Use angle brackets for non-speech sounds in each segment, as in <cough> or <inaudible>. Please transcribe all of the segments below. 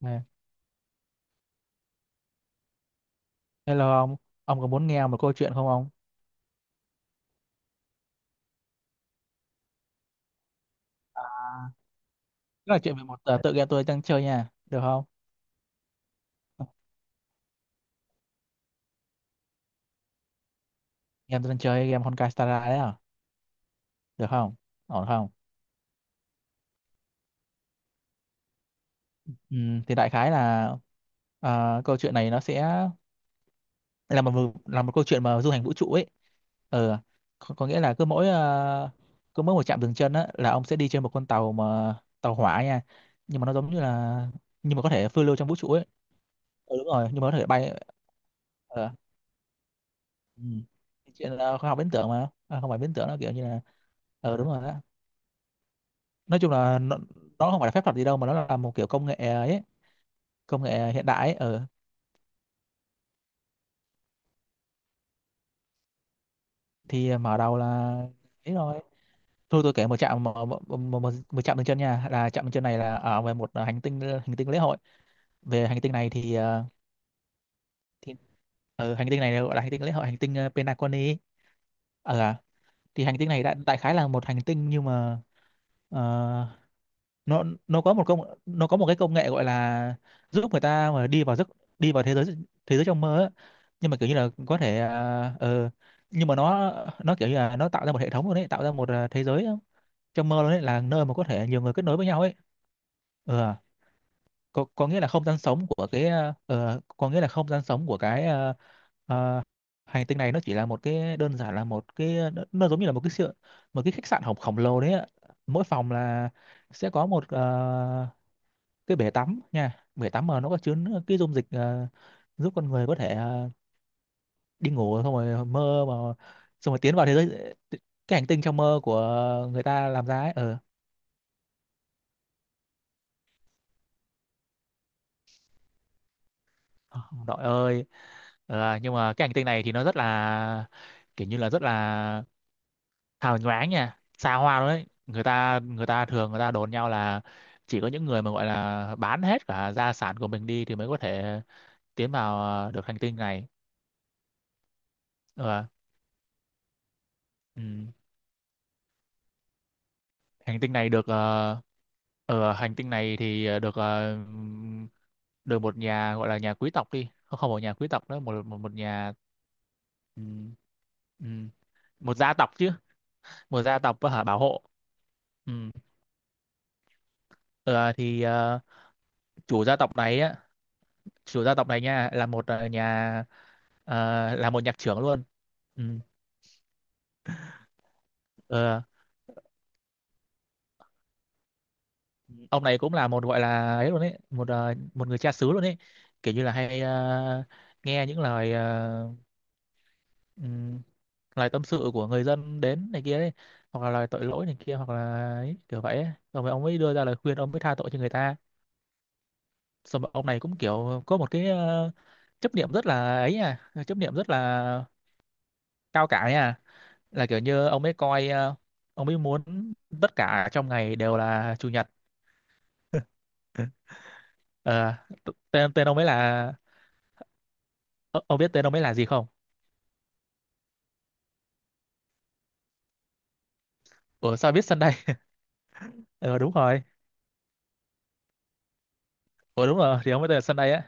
Này, hello ông có muốn nghe một câu chuyện không ông? Tức là chuyện về một tựa game tôi đang chơi nha, được không? Game tôi đang chơi game Honkai Star Rail đấy à, được không? Ổn không? Ừ, thì đại khái là câu chuyện này nó sẽ là một câu chuyện mà du hành vũ trụ ấy. Ờ, có nghĩa là cứ mỗi một trạm dừng chân á là ông sẽ đi trên một con tàu mà tàu hỏa nha, nhưng mà nó giống như là nhưng mà có thể phiêu lưu trong vũ trụ ấy. Ừ, đúng rồi, nhưng mà có thể bay. ờ, Ừ. Cái chuyện là khoa học viễn tưởng mà à, không phải viễn tưởng nó kiểu như là ờ đúng rồi đó, nói chung là nó không phải là phép thuật gì đâu mà nó là một kiểu công nghệ ấy, công nghệ hiện đại ấy ừ. Thì mở đầu là ấy rồi, thôi tôi kể một trạm một trạm dừng chân nha, là trạm dừng chân này là ở về một hành tinh lễ hội. Về hành tinh này thì thì ở hành tinh này là gọi là hành tinh lễ hội hành tinh Pelagoni ấy. ờ à, thì hành tinh này đại khái là một hành tinh nhưng mà ờ, nó có một công, nó có một cái công nghệ gọi là giúp người ta mà đi vào giấc, đi vào thế giới, thế giới trong mơ á. Nhưng mà kiểu như là có thể à, ờ, nhưng mà nó kiểu như là nó tạo ra một hệ thống luôn đấy, tạo ra một à, thế giới trong mơ luôn đấy, là nơi mà có thể nhiều người kết nối với nhau ấy, ừ, có nghĩa là không gian sống của cái à, ờ, có nghĩa là không gian sống của cái à, à, hành tinh này nó chỉ là một cái đơn giản là một cái nó giống như là một cái sự, một cái khách sạn khổng khổng lồ đấy ạ. Mỗi phòng là sẽ có một cái bể tắm nha, bể tắm mà nó có chứa cái dung dịch giúp con người có thể đi ngủ xong rồi mơ mà xong rồi tiến vào thế giới, cái hành tinh trong mơ của người ta làm ra ấy ờ, đội ơi. Ờ, nhưng mà cái hành tinh này thì nó rất là kiểu như là rất là hào nhoáng nha, xa hoa luôn đấy, người ta thường người ta đồn nhau là chỉ có những người mà gọi là bán hết cả gia sản của mình đi thì mới có thể tiến vào được hành tinh này. Ờ, ừ. Hành tinh này được ở hành tinh này thì ờ, được được một nhà gọi là nhà quý tộc đi, không không phải nhà quý tộc nữa, một một nhà, ừm, ừm, một gia tộc chứ, một gia tộc hả, bảo hộ. Ừm, ờ, thì ờ, chủ gia tộc này á, chủ gia tộc này nha là một nhà ờ, là một nhạc trưởng luôn. Ừm, ờ, ông này cũng là một gọi là ấy luôn ấy, một một người cha xứ luôn ấy, kiểu như là hay nghe những lời ừm, lời tâm sự của người dân đến này kia ấy, hoặc là lời tội lỗi này kia hoặc là ấy, kiểu vậy ấy. Rồi ông ấy đưa ra lời khuyên, ông mới tha tội cho người ta. Xong rồi ông này cũng kiểu có một cái chấp niệm rất là ấy, à chấp niệm rất là cao cả ấy à, là kiểu như ông ấy coi ông ấy muốn tất cả trong ngày đều là chủ nhật. Ờ, t- tên tên ông ấy là ờ, ông biết tên ông ấy là gì không? Ủa sao biết Sunday? <laughs> Ờ đúng rồi. Ủa đúng rồi, thì ông ấy tên là Sunday á,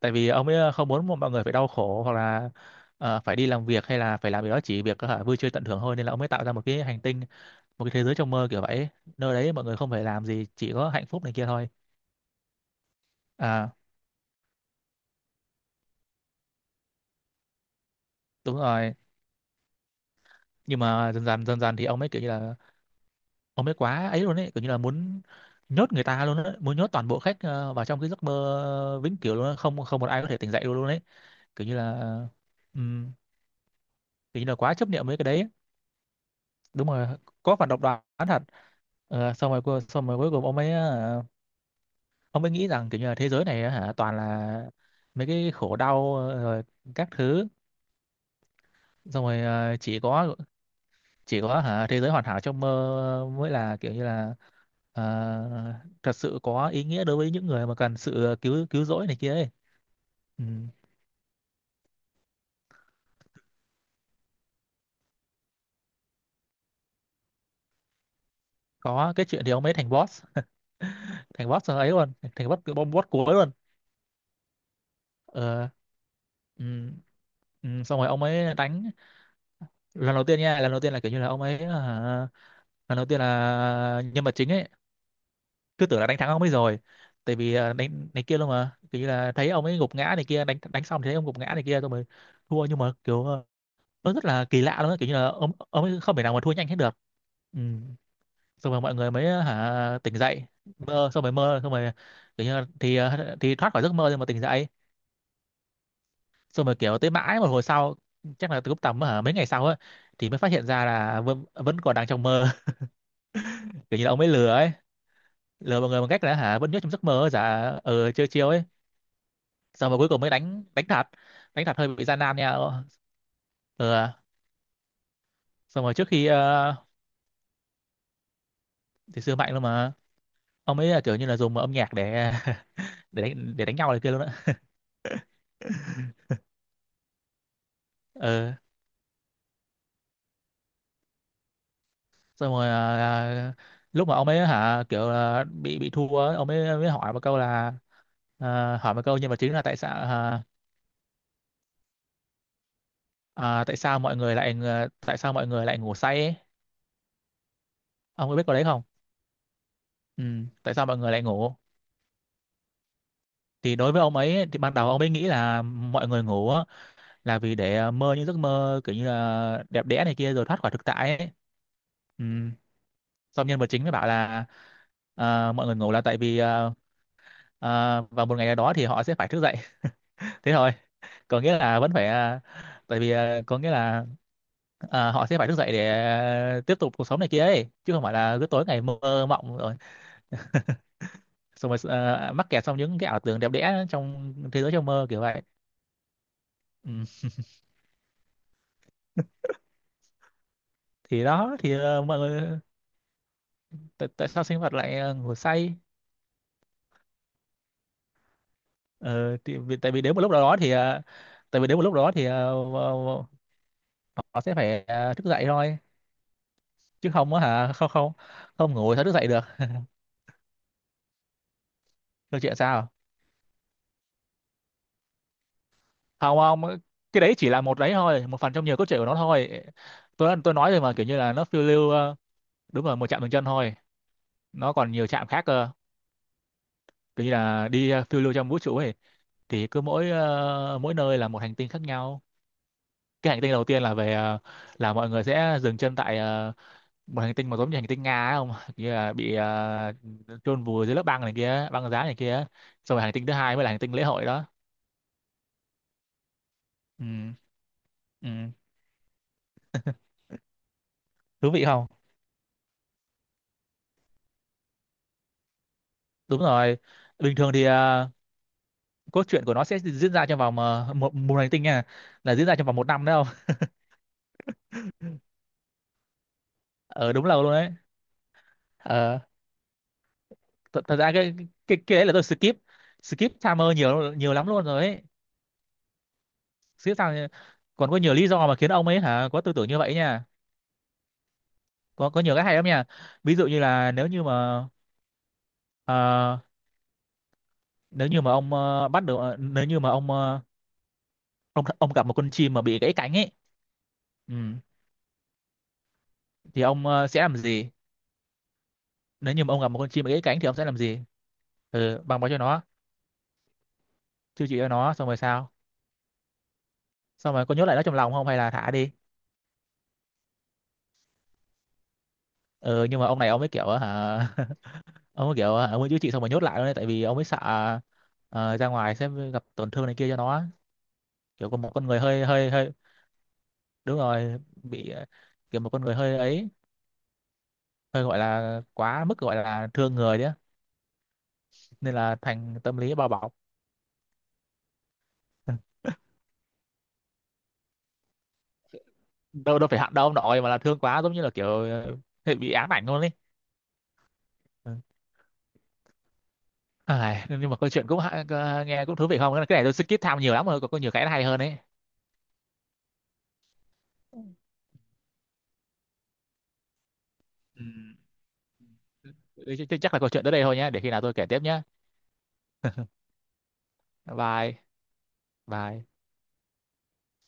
tại vì ông ấy không muốn mọi người phải đau khổ hoặc là phải đi làm việc hay là phải làm gì đó, chỉ việc hả, vui chơi tận hưởng thôi, nên là ông ấy tạo ra một cái hành tinh, một cái thế giới trong mơ kiểu vậy, nơi đấy mọi người không phải làm gì chỉ có hạnh phúc này kia thôi. À đúng rồi. Nhưng mà dần dần dần dần thì ông ấy kiểu như là ông ấy quá ấy luôn ấy, kiểu như là muốn nhốt người ta luôn á, muốn nhốt toàn bộ khách vào trong cái giấc mơ vĩnh cửu luôn á, không không một ai có thể tỉnh dậy luôn luôn ấy, kiểu như là ừm, kiểu như là quá chấp niệm với cái đấy. Đúng rồi, có phản độc đoán thật. Ờ, xong rồi cuối cùng ông ấy ông ấy nghĩ rằng kiểu như là thế giới này á hả toàn là mấy cái khổ đau rồi các thứ, xong rồi chỉ có hả thế giới hoàn hảo trong mơ mới là kiểu như là ờ, thật sự có ý nghĩa đối với những người mà cần sự cứu cứu rỗi này kia ấy. Ừ. Có cái chuyện thì ông ấy thành boss. <laughs> Thành boss ấy luôn, thành boss bom boss cuối luôn. Ờ, ừ. Ừ. Xong rồi ông ấy đánh lần đầu tiên nha, lần đầu tiên là kiểu như là ông ấy à, lần đầu tiên là nhân vật chính ấy cứ tưởng là đánh thắng ông ấy rồi, tại vì à, đánh đánh kia luôn mà kiểu như là thấy ông ấy gục ngã này kia, đánh đánh xong thì thấy ông gục ngã này kia rồi mới thua, nhưng mà kiểu à, nó rất là kỳ lạ luôn á, kiểu như là ông ấy không thể nào mà thua nhanh hết được. Ừ. Xong rồi mọi người mới hả tỉnh dậy, mơ xong rồi kiểu như là, thì à, thì thoát khỏi giấc mơ nhưng mà tỉnh dậy xong rồi kiểu tới mãi một hồi sau, chắc là từ lúc tầm hả mấy ngày sau á, thì mới phát hiện ra là vẫn vẫn còn đang trong mơ. <laughs> Kiểu như là ông ấy lừa ấy, lừa mọi người bằng cách là hả vẫn nhớ trong giấc mơ giả ờ chiêu chiêu ấy. Xong rồi cuối cùng mới đánh đánh thật, đánh thật hơi bị gian nan nha ờ. Ờ. Xong rồi trước khi thì xưa mạnh luôn mà, ông ấy là kiểu như là dùng âm nhạc để <laughs> để đánh nhau này kia luôn á. Ờ, xong rồi lúc mà ông ấy hả kiểu là bị thua á, ông ấy mới hỏi một câu là à, hỏi một câu nhân vật chính là tại sao à, à, tại sao mọi người lại tại sao mọi người lại ngủ say ấy? Ông có biết câu đấy không? Ừ, tại sao mọi người lại ngủ? Thì đối với ông ấy thì ban đầu ông ấy nghĩ là mọi người ngủ á, là vì để mơ những giấc mơ kiểu như là đẹp đẽ này kia rồi thoát khỏi thực tại ấy. Ừ. Xong nhân vật chính mới bảo là mọi người ngủ là tại vì vào một ngày nào đó thì họ sẽ phải thức dậy. <laughs> Thế thôi, có nghĩa là vẫn phải tại vì có nghĩa là họ sẽ phải thức dậy để tiếp tục cuộc sống này kia ấy, chứ không phải là cứ tối ngày mơ mộng rồi, xong rồi mắc kẹt trong những cái ảo tưởng đẹp đẽ trong thế giới trong mơ kiểu vậy. Ừ. Thì đó thì mọi người tại sao sinh vật lại ngủ say? Ờ, thì, vì, tại vì đến một lúc nào đó thì tại vì đến một lúc đó thì họ sẽ phải thức dậy thôi, chứ không á hả không không, không ngủ thì thức dậy được. Câu chuyện sao? Không không, cái đấy chỉ là một đấy thôi, một phần trong nhiều câu chuyện của nó thôi. Tôi nói rồi mà, kiểu như là nó phiêu lưu đúng là một chạm dừng chân thôi, nó còn nhiều chạm khác cơ, kiểu như là đi phiêu lưu trong vũ trụ ấy, thì mỗi nơi là một hành tinh khác nhau. Cái hành tinh đầu tiên là về là mọi người sẽ dừng chân tại một hành tinh mà giống như hành tinh Nga ấy không, kia là bị chôn vùi dưới lớp băng này kia, băng giá này kia. Xong rồi hành tinh thứ hai mới là hành tinh lễ hội đó. Ừ, ừ. Thú vị không? Đúng rồi, bình thường thì cốt truyện của nó sẽ diễn ra trong vòng ờ, một một hành tinh nha, là diễn ra trong vòng một năm đấy không. Ờ đúng lâu luôn đấy. Ờ, thật ra cái đấy là tôi skip, skip timer nhiều nhiều lắm luôn rồi ấy, skip timer. Còn có nhiều lý do mà khiến ông ấy hả có tư tưởng như vậy nha, có nhiều cái hay lắm nha. Ví dụ như là nếu như mà à, nếu như mà ông ờ, ông gặp một con chim mà bị gãy cánh ấy. Ừ, thì ông sẽ làm gì? Nếu như mà ông gặp một con chim bị gãy cánh thì ông sẽ làm gì? Ừ, băng bó cho nó, chữa trị cho nó xong rồi sao? Xong rồi có nhốt lại nó trong lòng không hay là thả đi? Ừ, nhưng mà ông này ông ấy kiểu hả <laughs> ông ấy kiểu hả, ông ấy chữa trị xong rồi nhốt lại luôn đấy, tại vì ông ấy sợ ra ngoài sẽ gặp tổn thương này kia cho nó. Kiểu có một con người hơi hơi hơi, đúng rồi, bị kiểu một con người hơi ấy, hơi gọi là quá mức gọi là thương người đấy á. Nên là thành tâm lý bao bọc. Đâu đâu phải hận đâu ông nội, mà là thương quá giống như là kiểu bị ám ảnh luôn ấy. Ừ. Ai, nhưng mà câu chuyện cũng nghe cũng thú vị không, cái này tôi skip tham nhiều lắm rồi, còn có nhiều cái nó hay hơn ấy. Ừ. Chắc là câu chuyện tới đây thôi nhé, để khi nào tôi kể tiếp nhé. Bye. Bye.